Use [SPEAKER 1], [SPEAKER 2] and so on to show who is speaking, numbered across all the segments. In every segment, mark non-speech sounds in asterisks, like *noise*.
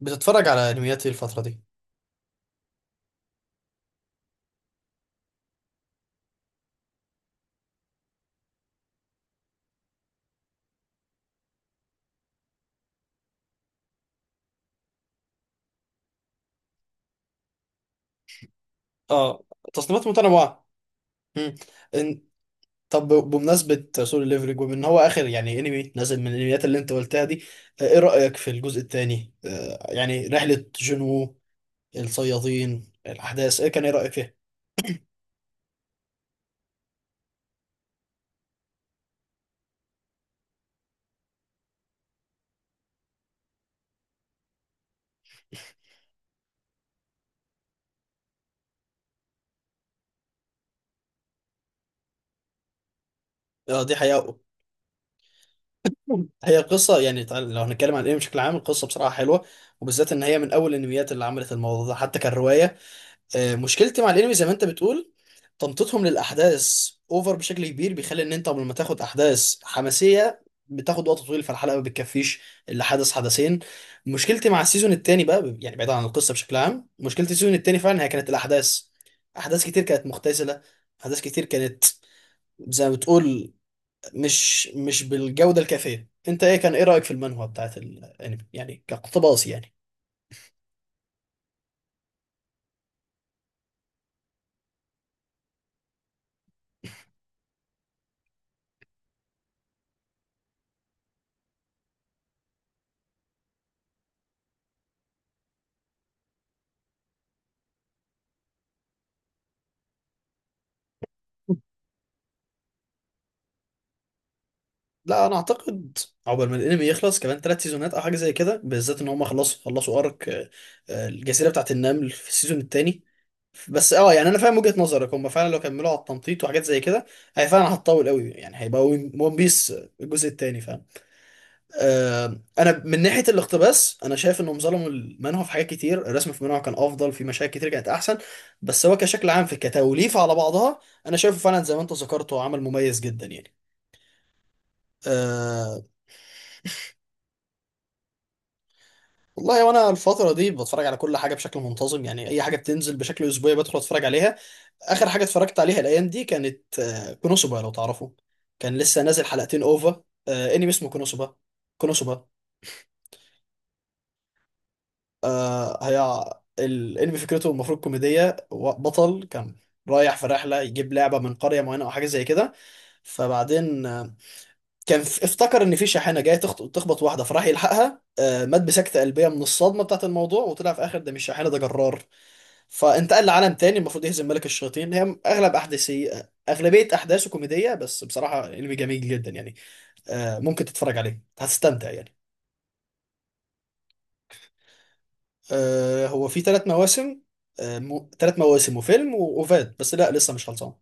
[SPEAKER 1] بتتفرج على انميات ايه الفترة دي؟ اه، تصنيفات متنوعة. مم. إن... طب بمناسبة سولو ليفلنج ومن هو آخر يعني انمي نزل من الانميات اللي انت قلتها دي. ايه رأيك في الجزء الثاني؟ يعني رحلة جنو الصيادين الأحداث ايه رأيك فيها؟ اه، دي حقيقة. هي قصة يعني لو هنتكلم عن الانمي بشكل عام القصة بصراحة حلوة، وبالذات ان هي من اول الانميات اللي عملت الموضوع ده حتى كان رواية. مشكلتي مع الانمي زي ما انت بتقول تمطيطهم للاحداث اوفر بشكل كبير، بيخلي ان انت قبل ما تاخد احداث حماسيه بتاخد وقت طويل فالحلقه ما بتكفيش الا حدث حدثين. مشكلتي مع السيزون التاني بقى، يعني بعيد عن القصه بشكل عام، مشكلتي السيزون التاني فعلا هي كانت الاحداث. احداث كتير كانت مختزله، احداث كتير كانت زي ما بتقول مش بالجوده الكافيه. انت ايه رايك في المانهوا بتاعت الانمي يعني كاقتباس يعني؟ لا انا اعتقد عقبال ما الانمي يخلص كمان ثلاث سيزونات او حاجه زي كده، بالذات ان هم خلصوا ارك، الجزيره بتاعت النمل في السيزون الثاني. بس اه، يعني انا فاهم وجهه نظرك، هم فعلا لو كملوا على التمطيط وحاجات زي كده هي فعلا هتطول قوي، يعني هيبقى ون بيس الجزء الثاني فاهم. انا من ناحيه الاقتباس انا شايف انهم ظلموا المانهوا في حاجات كتير، الرسم في المانهوا كان افضل، في مشاهد كتير كانت احسن. بس هو كشكل عام في كتوليفه على بعضها انا شايفه فعلا زي ما انت ذكرته عمل مميز جدا يعني. آه، والله وانا الفترة دي بتفرج على كل حاجة بشكل منتظم، يعني اي حاجة بتنزل بشكل اسبوعي بدخل اتفرج عليها. اخر حاجة اتفرجت عليها الايام دي كانت كونوسوبا لو تعرفوا. كان لسه نازل حلقتين اوفا، انمي اسمه كونوسوبا. كونوسوبا. هي الانمي فكرته المفروض كوميدية، بطل كان رايح في رحلة يجيب لعبة من قرية معينة او حاجة زي كده. فبعدين كان افتكر ان في شاحنة جاية تخبط واحدة فراح يلحقها، مات بسكتة قلبية من الصدمة بتاعت الموضوع، وطلع في اخر ده مش شاحنة ده جرار. فانتقل لعالم تاني المفروض يهزم ملك الشياطين، هي اغلب احداثي، اغلبيه احداثه كوميديه، بس بصراحه انمي جميل جدا يعني. ممكن تتفرج عليه هتستمتع يعني. هو في ثلاث مواسم. ثلاث مواسم وفيلم واوفات، بس لا لسه مش خلصان.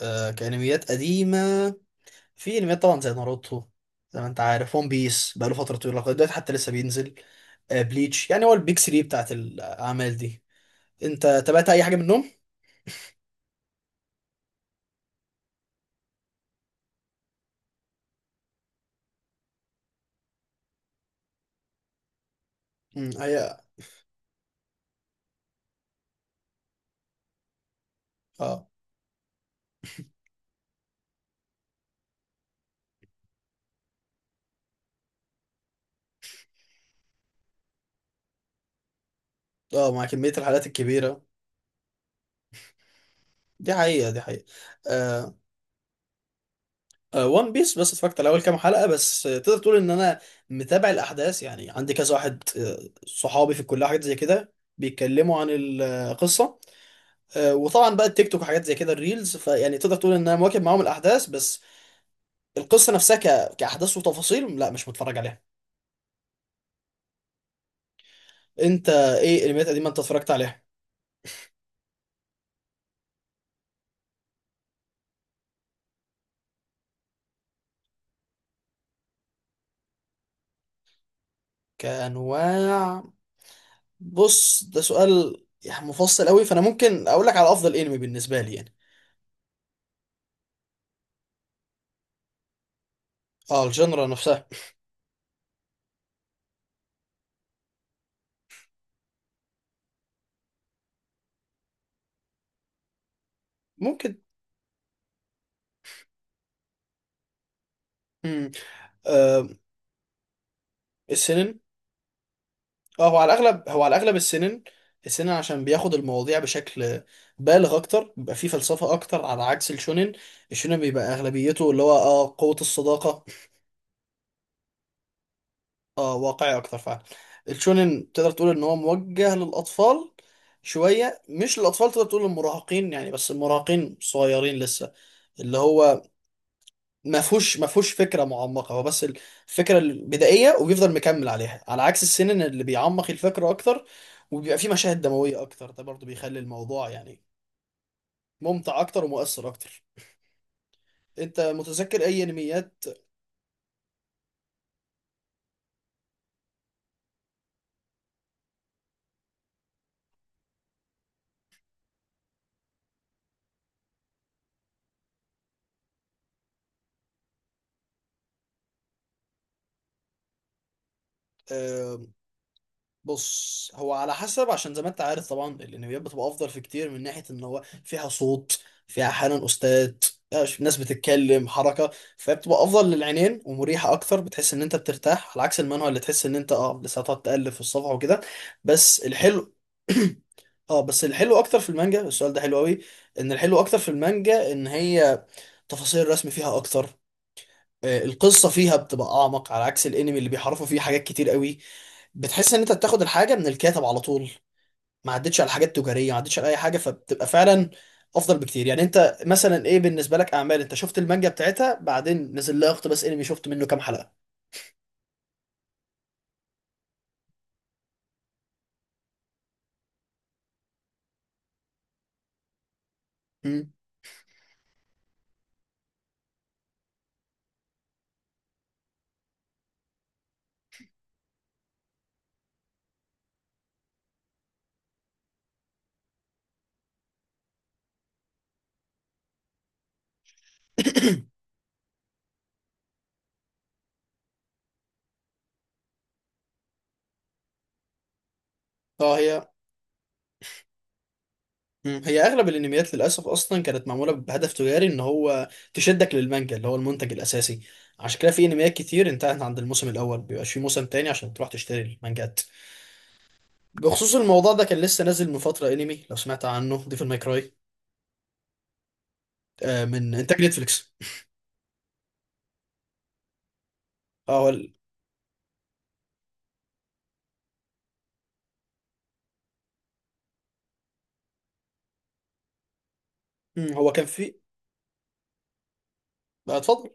[SPEAKER 1] كانميات قديمه في انميات طبعا زي ناروتو، زي ما انت عارف ون بيس بقاله فتره طويله لغايه دلوقتي حتى لسه بينزل، بليتش، يعني هو البيج 3 بتاعت الاعمال دي. انت تابعت اي حاجه منهم؟ مم، هي. اه. اه، مع كميه الحلقات الكبيره. دي حقيقة، دي حقيقة. آه، آه، وان بيس بس اتفرجت على أول كام حلقة بس. تقدر تقول إن أنا متابع الأحداث، يعني عندي كذا واحد صحابي في الكلية حاجات زي كده بيتكلموا عن القصة. وطبعا بقى التيك توك وحاجات زي كده الريلز، فيعني تقدر تقول إن أنا مواكب معاهم الأحداث، بس القصة نفسها كأحداث وتفاصيل لا مش متفرج عليها. أنت إيه الأنميات القديمة أنت اتفرجت عليها؟ كأنواع. بص ده سؤال يعني مفصل قوي، فأنا ممكن أقول لك على أفضل أنمي بالنسبة لي يعني. اه، الجنرا نفسها. ممكن. امم آه السنن. اه، هو على الاغلب السنن. السنن عشان بياخد المواضيع بشكل بالغ اكتر، بيبقى فيه فلسفه اكتر على عكس الشونن. الشونن بيبقى اغلبيته اللي هو قوه الصداقه. اه، واقعي اكتر فعلا. الشونن تقدر تقول ان هو موجه للاطفال، شويه مش للاطفال، تقدر تقول للمراهقين يعني بس المراهقين صغيرين لسه، اللي هو ما فيهوش فكره معمقه، هو بس الفكره البدائيه وبيفضل مكمل عليها، على عكس السنن اللي بيعمق الفكره اكتر، وبيبقى فيه مشاهد دمويه اكتر، ده برضو بيخلي الموضوع يعني ممتع اكتر ومؤثر اكتر. انت متذكر اي انميات؟ بص هو على حسب، عشان زي ما انت عارف طبعا الانميات بتبقى افضل في كتير من ناحيه ان هو فيها صوت، فيها احيانا استاذ، ناس بتتكلم، حركه، فبتبقى افضل للعينين ومريحه اكتر، بتحس ان انت بترتاح، على عكس المانهوا اللي تحس ان انت اه لسه هتقعد تقلب في الصفحه وكده. بس الحلو *clears throat* اه، بس الحلو اكتر في المانجا، السؤال ده حلو قوي، ان الحلو اكتر في المانجا ان هي تفاصيل الرسم فيها اكتر، القصه فيها بتبقى اعمق على عكس الانمي اللي بيحرفوا فيه حاجات كتير قوي. بتحس ان انت بتاخد الحاجه من الكاتب على طول، ما عدتش على حاجات تجاريه، ما عدتش على اي حاجه، فبتبقى فعلا افضل بكتير يعني. انت مثلا ايه بالنسبه لك اعمال انت شفت المانجا بتاعتها بعدين نزل لها اقتباس انمي شفت منه كام حلقه؟ مم. *clears throat* اه، هي. مم. هي اغلب الانميات للاسف اصلا كانت معموله بهدف تجاري ان هو تشدك للمانجا اللي هو المنتج الاساسي، عشان كده في انميات كتير انتهت عند الموسم الاول بيبقاش في موسم تاني عشان تروح تشتري المانجات. بخصوص الموضوع ده كان لسه نازل من فتره انمي لو سمعت عنه ديفل ماي كراي، من انتاج نتفليكس. اه، هو مم، هو كان في. اتفضل.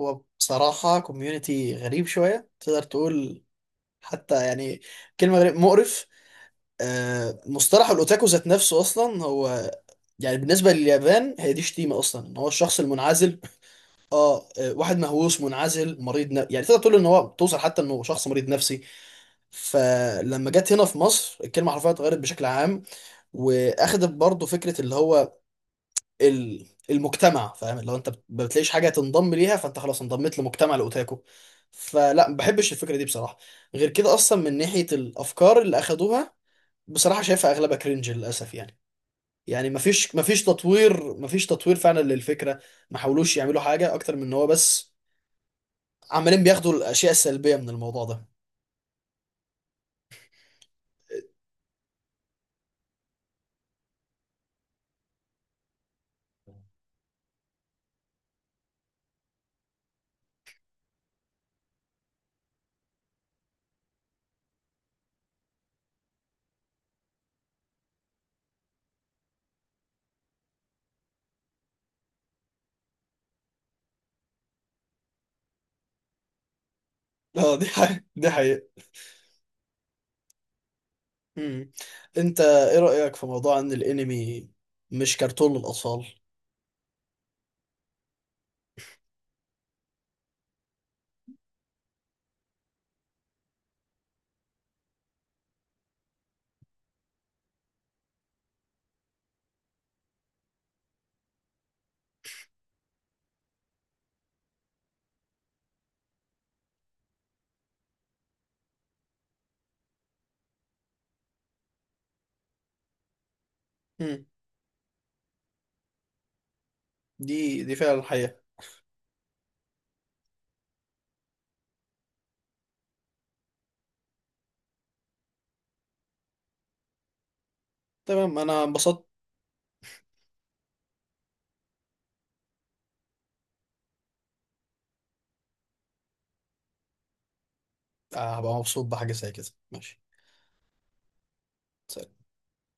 [SPEAKER 1] هو بصراحة كوميونتي غريب شوية تقدر تقول، حتى يعني كلمة غريب، مقرف. مصطلح الأوتاكو ذات نفسه أصلا هو، يعني بالنسبة لليابان هي دي شتيمة أصلا، إن هو الشخص المنعزل. آه، آه، واحد مهووس منعزل مريض، يعني تقدر تقول إن هو توصل حتى إنه شخص مريض نفسي. فلما جت هنا في مصر الكلمة حرفيا اتغيرت بشكل عام، وأخدت برضه فكرة اللي هو المجتمع فاهم، لو انت ما بتلاقيش حاجه تنضم ليها فانت خلاص انضميت لمجتمع الاوتاكو، فلا ما بحبش الفكره دي بصراحه. غير كده اصلا من ناحيه الافكار اللي اخدوها، بصراحه شايفها اغلبها كرنج للاسف يعني. يعني ما فيش تطوير فعلا للفكره، ما حاولوش يعملوا حاجه اكتر من ان هو بس عمالين بياخدوا الاشياء السلبيه من الموضوع ده. *laughs* اه، دي حقيقة دي حقيقة. مم. انت ايه رأيك في موضوع ان الانمي مش كرتون للاطفال؟ مم. دي فعلا حقيقة. تمام، انا انبسطت. هبقى مبسوط بحاجة زي كده، ماشي.